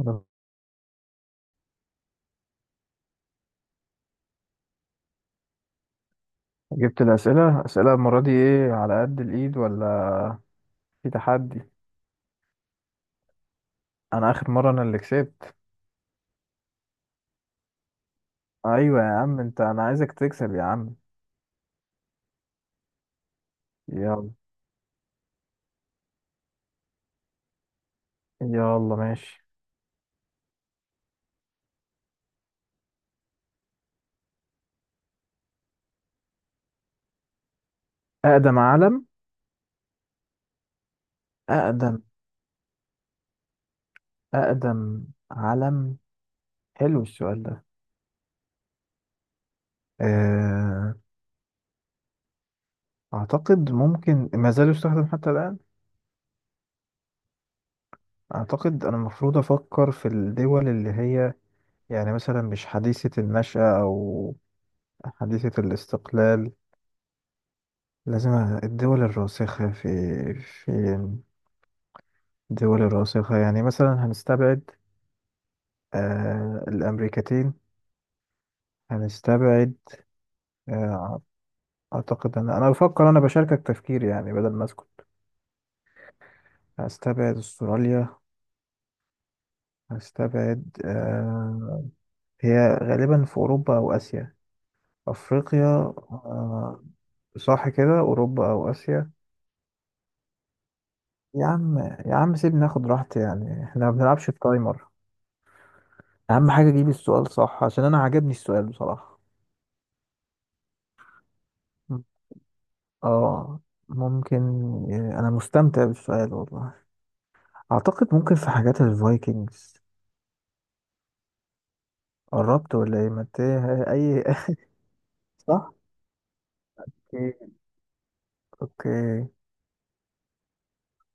أنا جبت أسئلة المرة دي، إيه، على قد الإيد ولا في تحدي؟ أنا آخر مرة، أنا اللي كسبت. أيوة يا عم، أنا عايزك تكسب يا عم. يلا، يلا، ماشي. أقدم علم أقدم أقدم علم. حلو السؤال ده. أه... أعتقد ممكن ما زال يستخدم حتى الآن. أعتقد أنا المفروض أفكر في الدول اللي هي، يعني مثلا مش حديثة النشأة أو حديثة الاستقلال. لازم الدول الراسخة في الدول الراسخة، يعني مثلا هنستبعد الأمريكتين. هنستبعد آه أعتقد أن أنا بفكر أنا بشاركك تفكير، يعني بدل ما أسكت. هستبعد أستراليا. هستبعد آه هي غالبا في أوروبا أو آسيا، أفريقيا. آه صح كده، أوروبا أو آسيا. يا عم، يا عم سيبني ناخد راحتي، يعني احنا ما بنلعبش في تايمر. أهم حاجة أجيب السؤال صح، عشان أنا عجبني السؤال بصراحة. اه. ممكن. انا مستمتع بالسؤال والله. اعتقد ممكن في حاجات الفايكنجز. قربت ولا ايه؟ ما إنت اي. صح. اوكي، اوكي.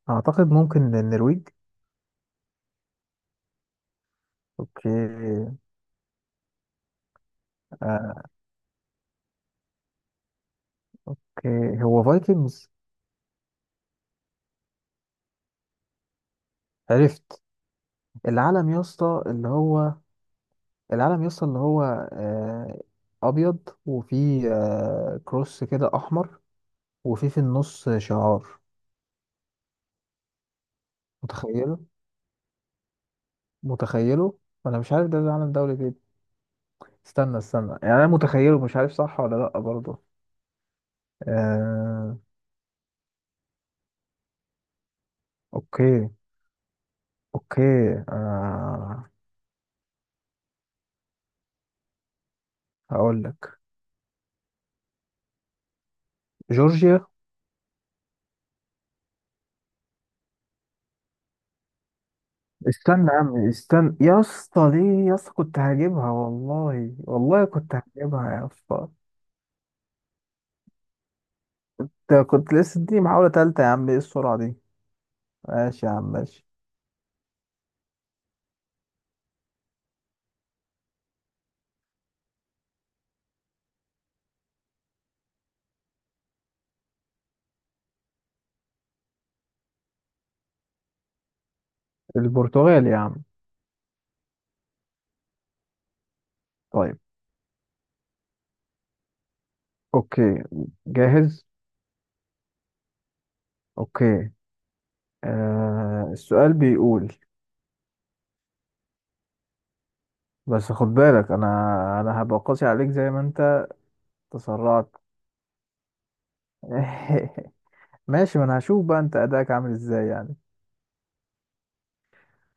اعتقد ممكن النرويج. اوكي. آه، اوكي، هو فايكنجز. عرفت. العلم يا اسطى اللي هو العلم يا اسطى اللي هو آه، ابيض، وفيه كروس كده احمر، وفيه في النص شعار. متخيله. متخيله. انا مش عارف ده العلم دولة ايه. استنى، استنى، يعني انا متخيله، مش عارف صح ولا لا برضه. آه... اوكي، اوكي. آه... هقول لك جورجيا. استنى يا عم، استنى يا اسطى دي، يا اسطى كنت هجيبها والله، والله كنت هجيبها يا اسطى. أنت كنت لسه دي محاولة تالتة يا عم، ايه السرعة دي؟ ماشي يا عم، ماشي. البرتغال يا عم. طيب. اوكي. جاهز. اوكي. السؤال بيقول، بس خد بالك، انا هبقى قاسي عليك زي ما انت تسرعت. ماشي، ما انا هشوف بقى انت اداك عامل ازاي يعني.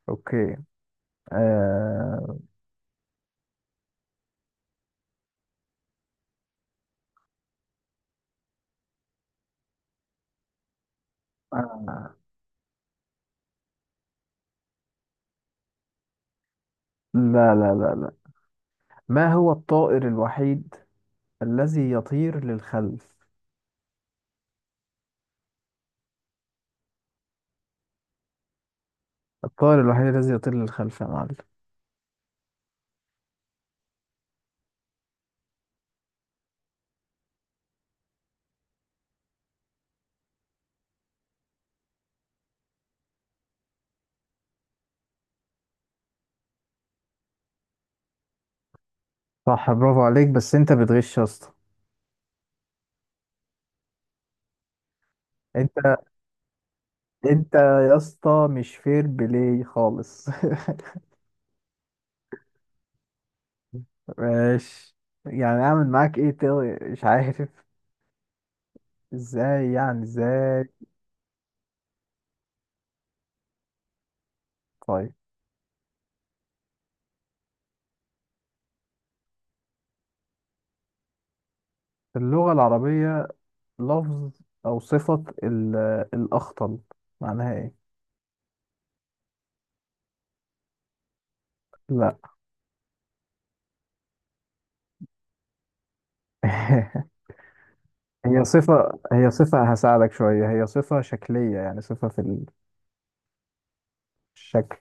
اوكي. آه... آه... لا، لا، لا، لا. ما هو الطائر الوحيد الذي يطير للخلف؟ الطائر الوحيد الذي يطير للخلف يا معلم. صح، برافو عليك، بس انت بتغش يا اسطى. انت، يا اسطى، مش فير بلاي خالص. ماشي. يعني اعمل معاك ايه تاني؟ مش عارف. ازاي يعني ازاي. طيب، اللغة العربية، لفظ أو صفة الأخطل، معناها إيه؟ لا. هي صفة. هساعدك شوية. هي صفة شكلية، يعني صفة في الشكل.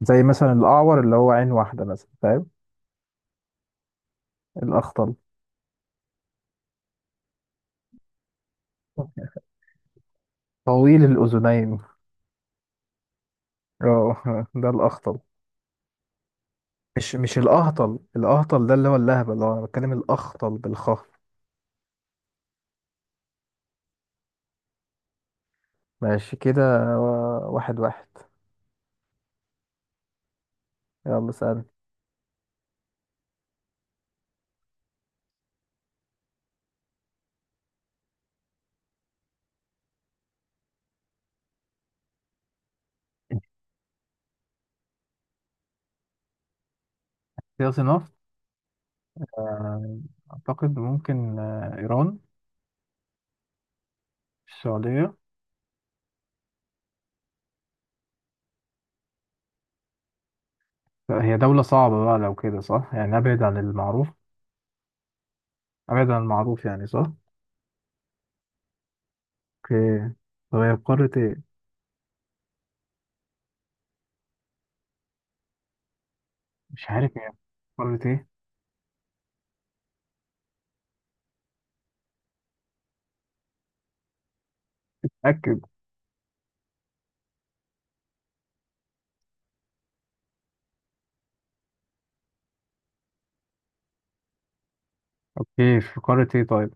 زي مثلا الأعور، اللي هو عين واحدة مثلا، فاهم. الأخطل طويل الأذنين. اه، ده الأخطل. مش الأهطل. الأهطل ده اللي هو اللهبة، اللي هو أنا بتكلم الأخطل بالخاء. ماشي كده. 1-1. يلا سأل. سياسي نفط. أعتقد ممكن إيران. السعودية. هي دولة صعبة بقى لو كده، صح؟ يعني أبعد عن المعروف. أبعد عن المعروف، يعني صح. أوكي. طب هي في قارة إيه؟ مش عارف هي في قارة إيه. أكد. أوكي، في قارة إيه طيب؟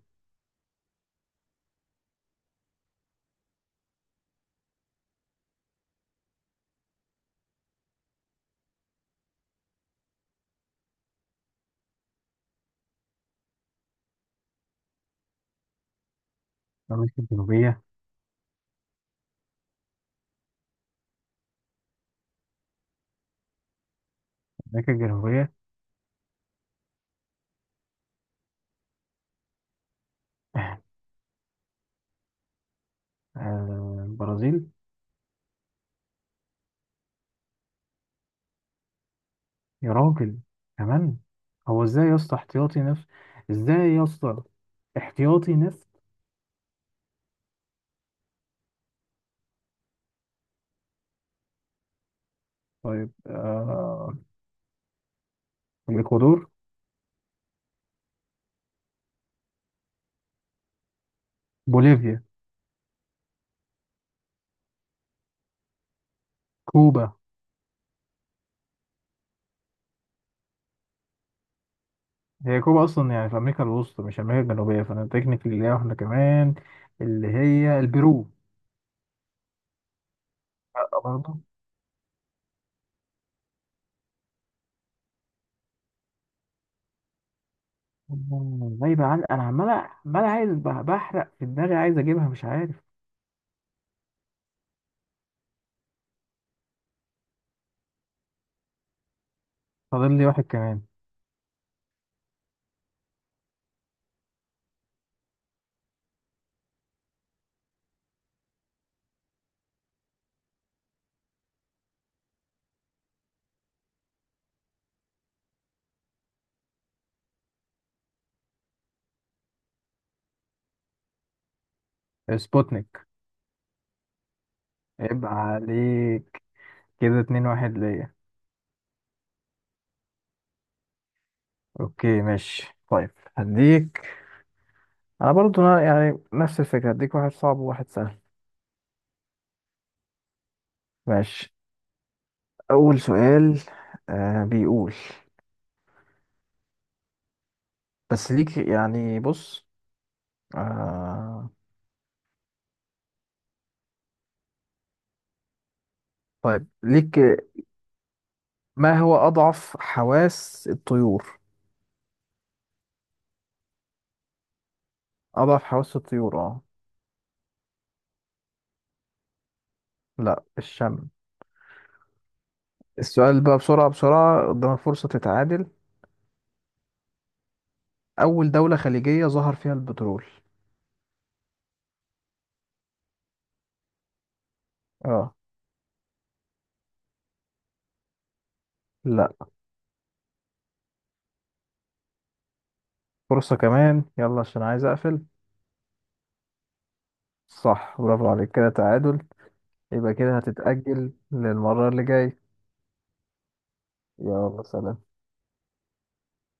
أمريكا الجنوبية. أمريكا الجنوبية. البرازيل. يا راجل، كمان. هو إزاي يا اسطى احتياطي نفط؟ إزاي يا اسطى احتياطي نفط؟ طيب، الإكوادور. بوليفيا. كوبا. هي كوبا اصلا يعني في امريكا الوسطى مش امريكا الجنوبيه، فانا تكنيكلي ليها واحده كمان، اللي هي البرو. برضه. غايبه عن انا. عمال، عمال عايز بحرق في دماغي، عايز اجيبها مش عارف. فاضل لي واحد كمان. سبوتنيك. عيب عليك. كده 2-1 ليا. اوكي، ماشي. طيب هديك، انا برضه يعني نفس الفكره، هديك واحد صعب وواحد سهل. ماشي. اول سؤال بيقول، بس ليك، يعني بص. آه طيب ليك. ما هو أضعف حواس الطيور؟ أضعف حواس الطيور اه. لا، الشم. السؤال بقى بسرعة بسرعة، قدام الفرصة تتعادل. أول دولة خليجية ظهر فيها البترول؟ اه. لا، فرصة كمان يلا، عشان عايز أقفل. صح، برافو عليك، كده تعادل. يبقى كده هتتأجل للمرة اللي جاي. يلا سلام.